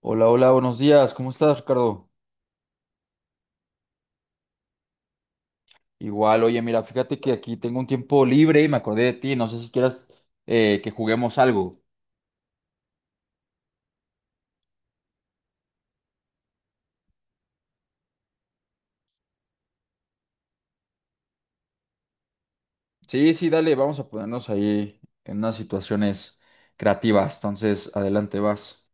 Hola, hola, buenos días. ¿Cómo estás, Ricardo? Igual, oye, mira, fíjate que aquí tengo un tiempo libre y me acordé de ti. No sé si quieras que juguemos algo. Sí, sí, dale, vamos a ponernos ahí en unas situaciones creativas. Entonces, adelante vas.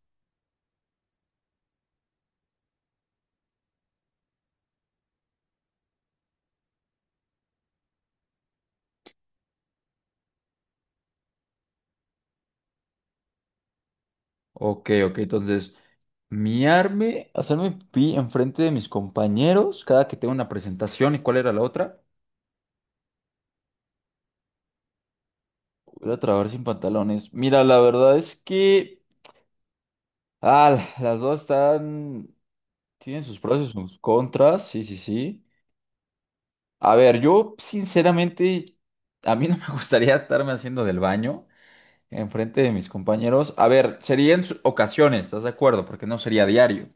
Ok, ok, entonces, miarme, hacerme pi enfrente de mis compañeros cada que tengo una presentación. ¿Y cuál era la otra? Voy a trabajar sin pantalones. Mira, la verdad es que... Ah, las dos están... Tienen sus pros y sus contras, sí, sí, sí. A ver, yo sinceramente, a mí no me gustaría estarme haciendo del baño enfrente de mis compañeros. A ver, sería en ocasiones, ¿estás de acuerdo? Porque no sería diario.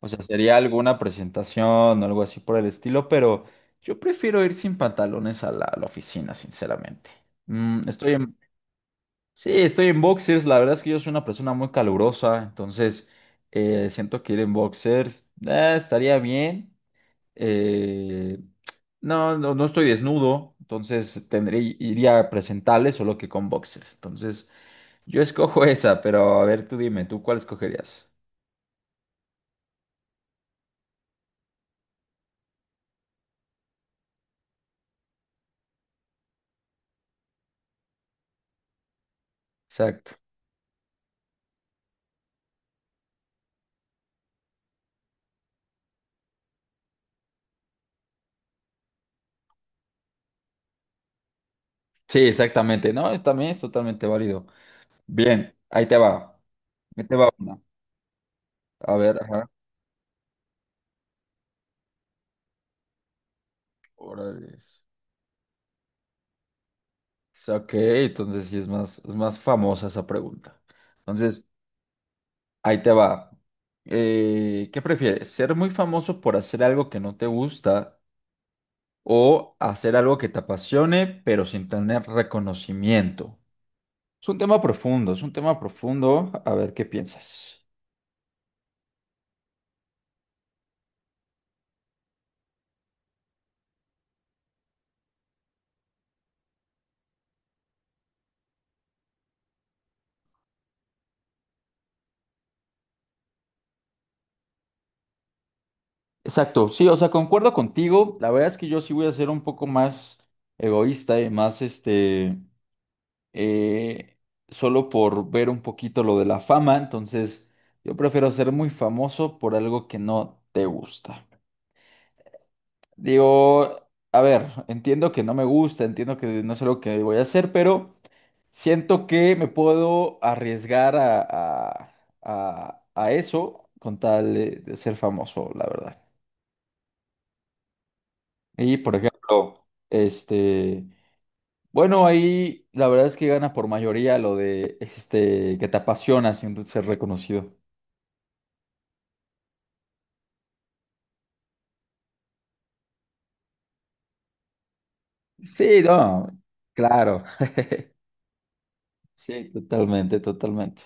O sea, sería alguna presentación o algo así por el estilo, pero yo prefiero ir sin pantalones a la oficina, sinceramente. Mm, estoy en, sí, estoy en boxers. La verdad es que yo soy una persona muy calurosa, entonces siento que ir en boxers estaría bien. Eh, no, no, no estoy desnudo, entonces tendré, iría a presentarles solo que con boxers. Entonces, yo escojo esa, pero a ver, tú dime, ¿tú cuál escogerías? Exacto. Sí, exactamente. No, también es totalmente válido. Bien, ahí te va. Ahí te va una. A ver, ajá. Órale. Ok, entonces sí es más famosa esa pregunta. Entonces, ahí te va. ¿Qué prefieres? ¿Ser muy famoso por hacer algo que no te gusta? O hacer algo que te apasione, pero sin tener reconocimiento. Es un tema profundo, es un tema profundo. A ver qué piensas. Exacto, sí, o sea, concuerdo contigo. La verdad es que yo sí voy a ser un poco más egoísta y más eh, solo por ver un poquito lo de la fama. Entonces, yo prefiero ser muy famoso por algo que no te gusta. Digo, a ver, entiendo que no me gusta, entiendo que no es algo que voy a hacer, pero... Siento que me puedo arriesgar a eso con tal de ser famoso, la verdad. Y por ejemplo, bueno, ahí la verdad es que gana por mayoría lo de este que te apasiona siendo ser reconocido. Sí, no, claro. Sí, totalmente, totalmente.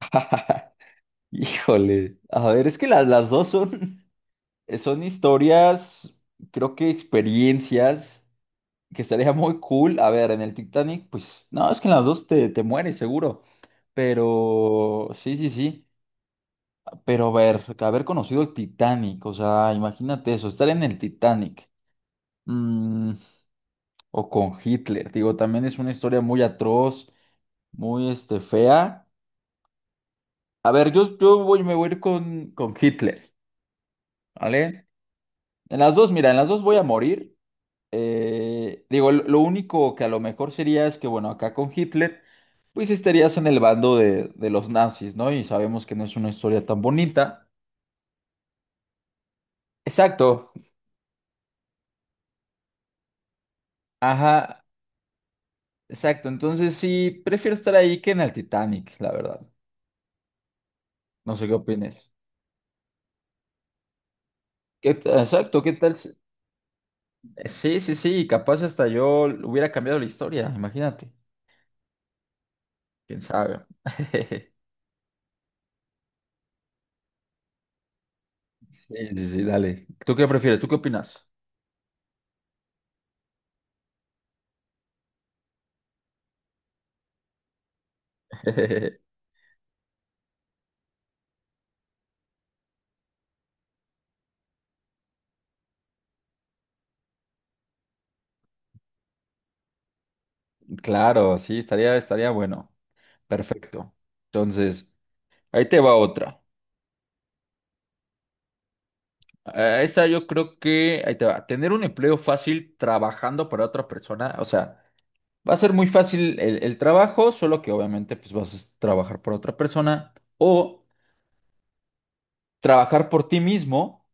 Híjole. A ver, es que las dos son, son historias, creo que experiencias, que sería muy cool. A ver, en el Titanic, pues no, es que en las dos te mueres seguro. Pero sí, sí, sí. Pero a ver, haber conocido el Titanic, o sea, imagínate eso, estar en el Titanic. mm, o con Hitler, digo, también es una historia muy atroz, muy fea. A ver, yo voy, me voy a ir con Hitler, ¿vale? En las dos, mira, en las dos voy a morir. Digo, lo único que a lo mejor sería es que, bueno, acá con Hitler, pues estarías en el bando de los nazis, ¿no? Y sabemos que no es una historia tan bonita. Exacto, ajá, exacto. Entonces sí, prefiero estar ahí que en el Titanic, la verdad. No sé qué opines. Exacto, ¿qué tal? Sí, sí, sí, capaz hasta yo hubiera cambiado la historia, imagínate. ¿Quién sabe? Sí, sí, sí, dale. ¿Tú qué prefieres? ¿Tú qué opinas? Claro, sí, estaría, estaría bueno. Perfecto. Entonces, ahí te va otra. A esa yo creo que, ahí te va, tener un empleo fácil trabajando para otra persona, o sea, va a ser muy fácil el trabajo, solo que obviamente pues vas a trabajar por otra persona o trabajar por ti mismo,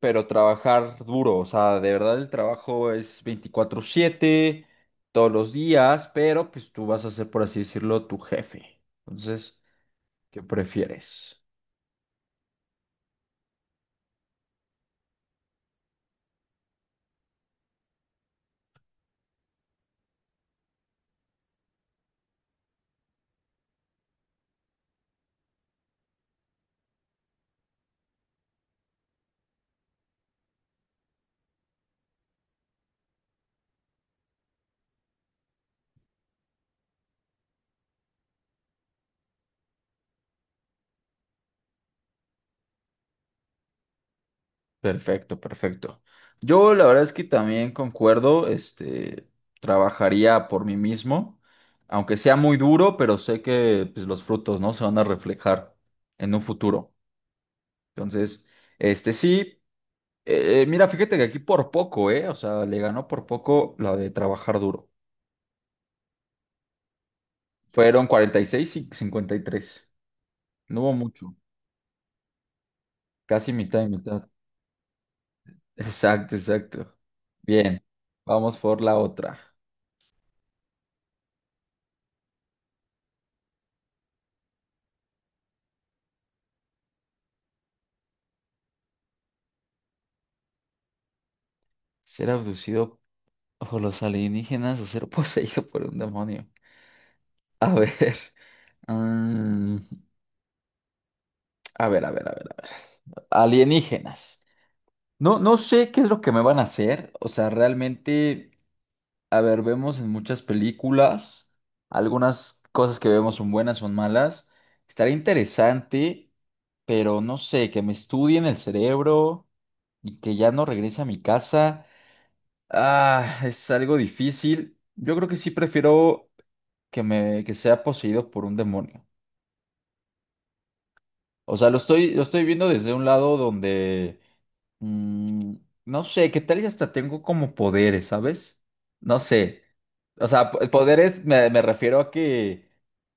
pero trabajar duro, o sea, de verdad el trabajo es 24/7 todos los días, pero pues tú vas a ser, por así decirlo, tu jefe. Entonces, ¿qué prefieres? Perfecto, perfecto. Yo la verdad es que también concuerdo, trabajaría por mí mismo, aunque sea muy duro, pero sé que pues, los frutos, ¿no? Se van a reflejar en un futuro. Entonces, este sí, mira, fíjate que aquí por poco, ¿eh? O sea, le ganó por poco la de trabajar duro. Fueron 46 y 53. No hubo mucho, casi mitad y mitad. Exacto, exacto. Bien, vamos por la otra. Ser abducido o los alienígenas o ser poseído por un demonio. A ver. mm, a ver, a ver, a ver, a ver. Alienígenas. No, no sé qué es lo que me van a hacer. O sea, realmente, a ver, vemos en muchas películas, algunas cosas que vemos son buenas, son malas. Estaría interesante, pero no sé, que me estudien el cerebro y que ya no regrese a mi casa. Ah, es algo difícil. Yo creo que sí prefiero que me que sea poseído por un demonio. O sea, lo estoy viendo desde un lado donde mm, no sé, qué tal y hasta tengo como poderes, ¿sabes? No sé. O sea, poderes me refiero a que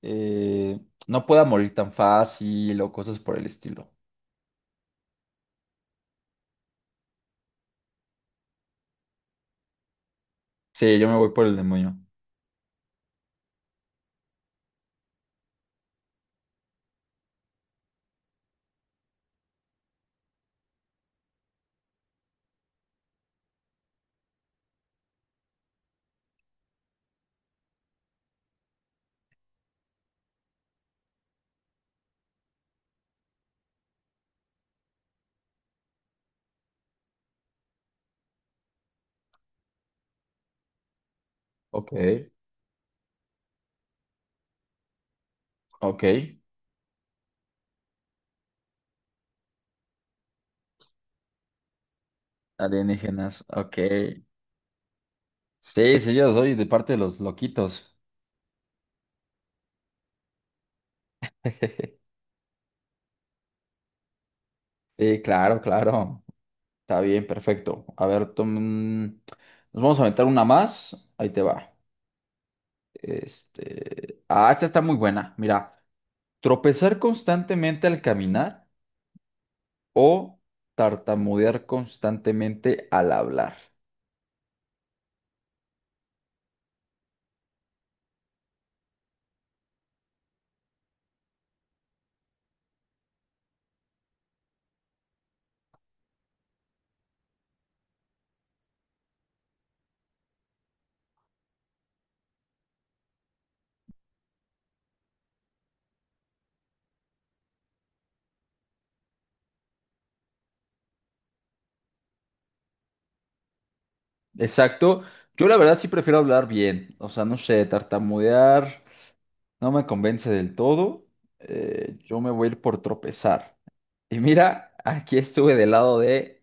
eh, no pueda morir tan fácil o cosas por el estilo. Sí, yo me voy por el demonio. Ok, ok. Alienígenas, ok. Sí, sí, yo soy de parte de los loquitos. Sí, claro, claro. Está bien, perfecto. Nos vamos a aventar una más. Ahí te va. Este... Ah, esta está muy buena. Mira, tropezar constantemente al caminar o tartamudear constantemente al hablar. Exacto. Yo la verdad sí prefiero hablar bien. O sea, no sé, tartamudear no me convence del todo. Yo me voy a ir por tropezar. Y mira, aquí estuve del lado de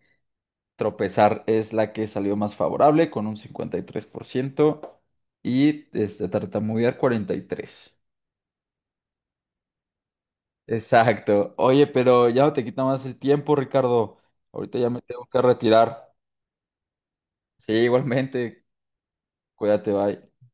tropezar. Es la que salió más favorable con un 53% y este, tartamudear 43%. Exacto. Oye, pero ya no te quita más el tiempo, Ricardo. Ahorita ya me tengo que retirar. Sí, igualmente. Cuídate, bye.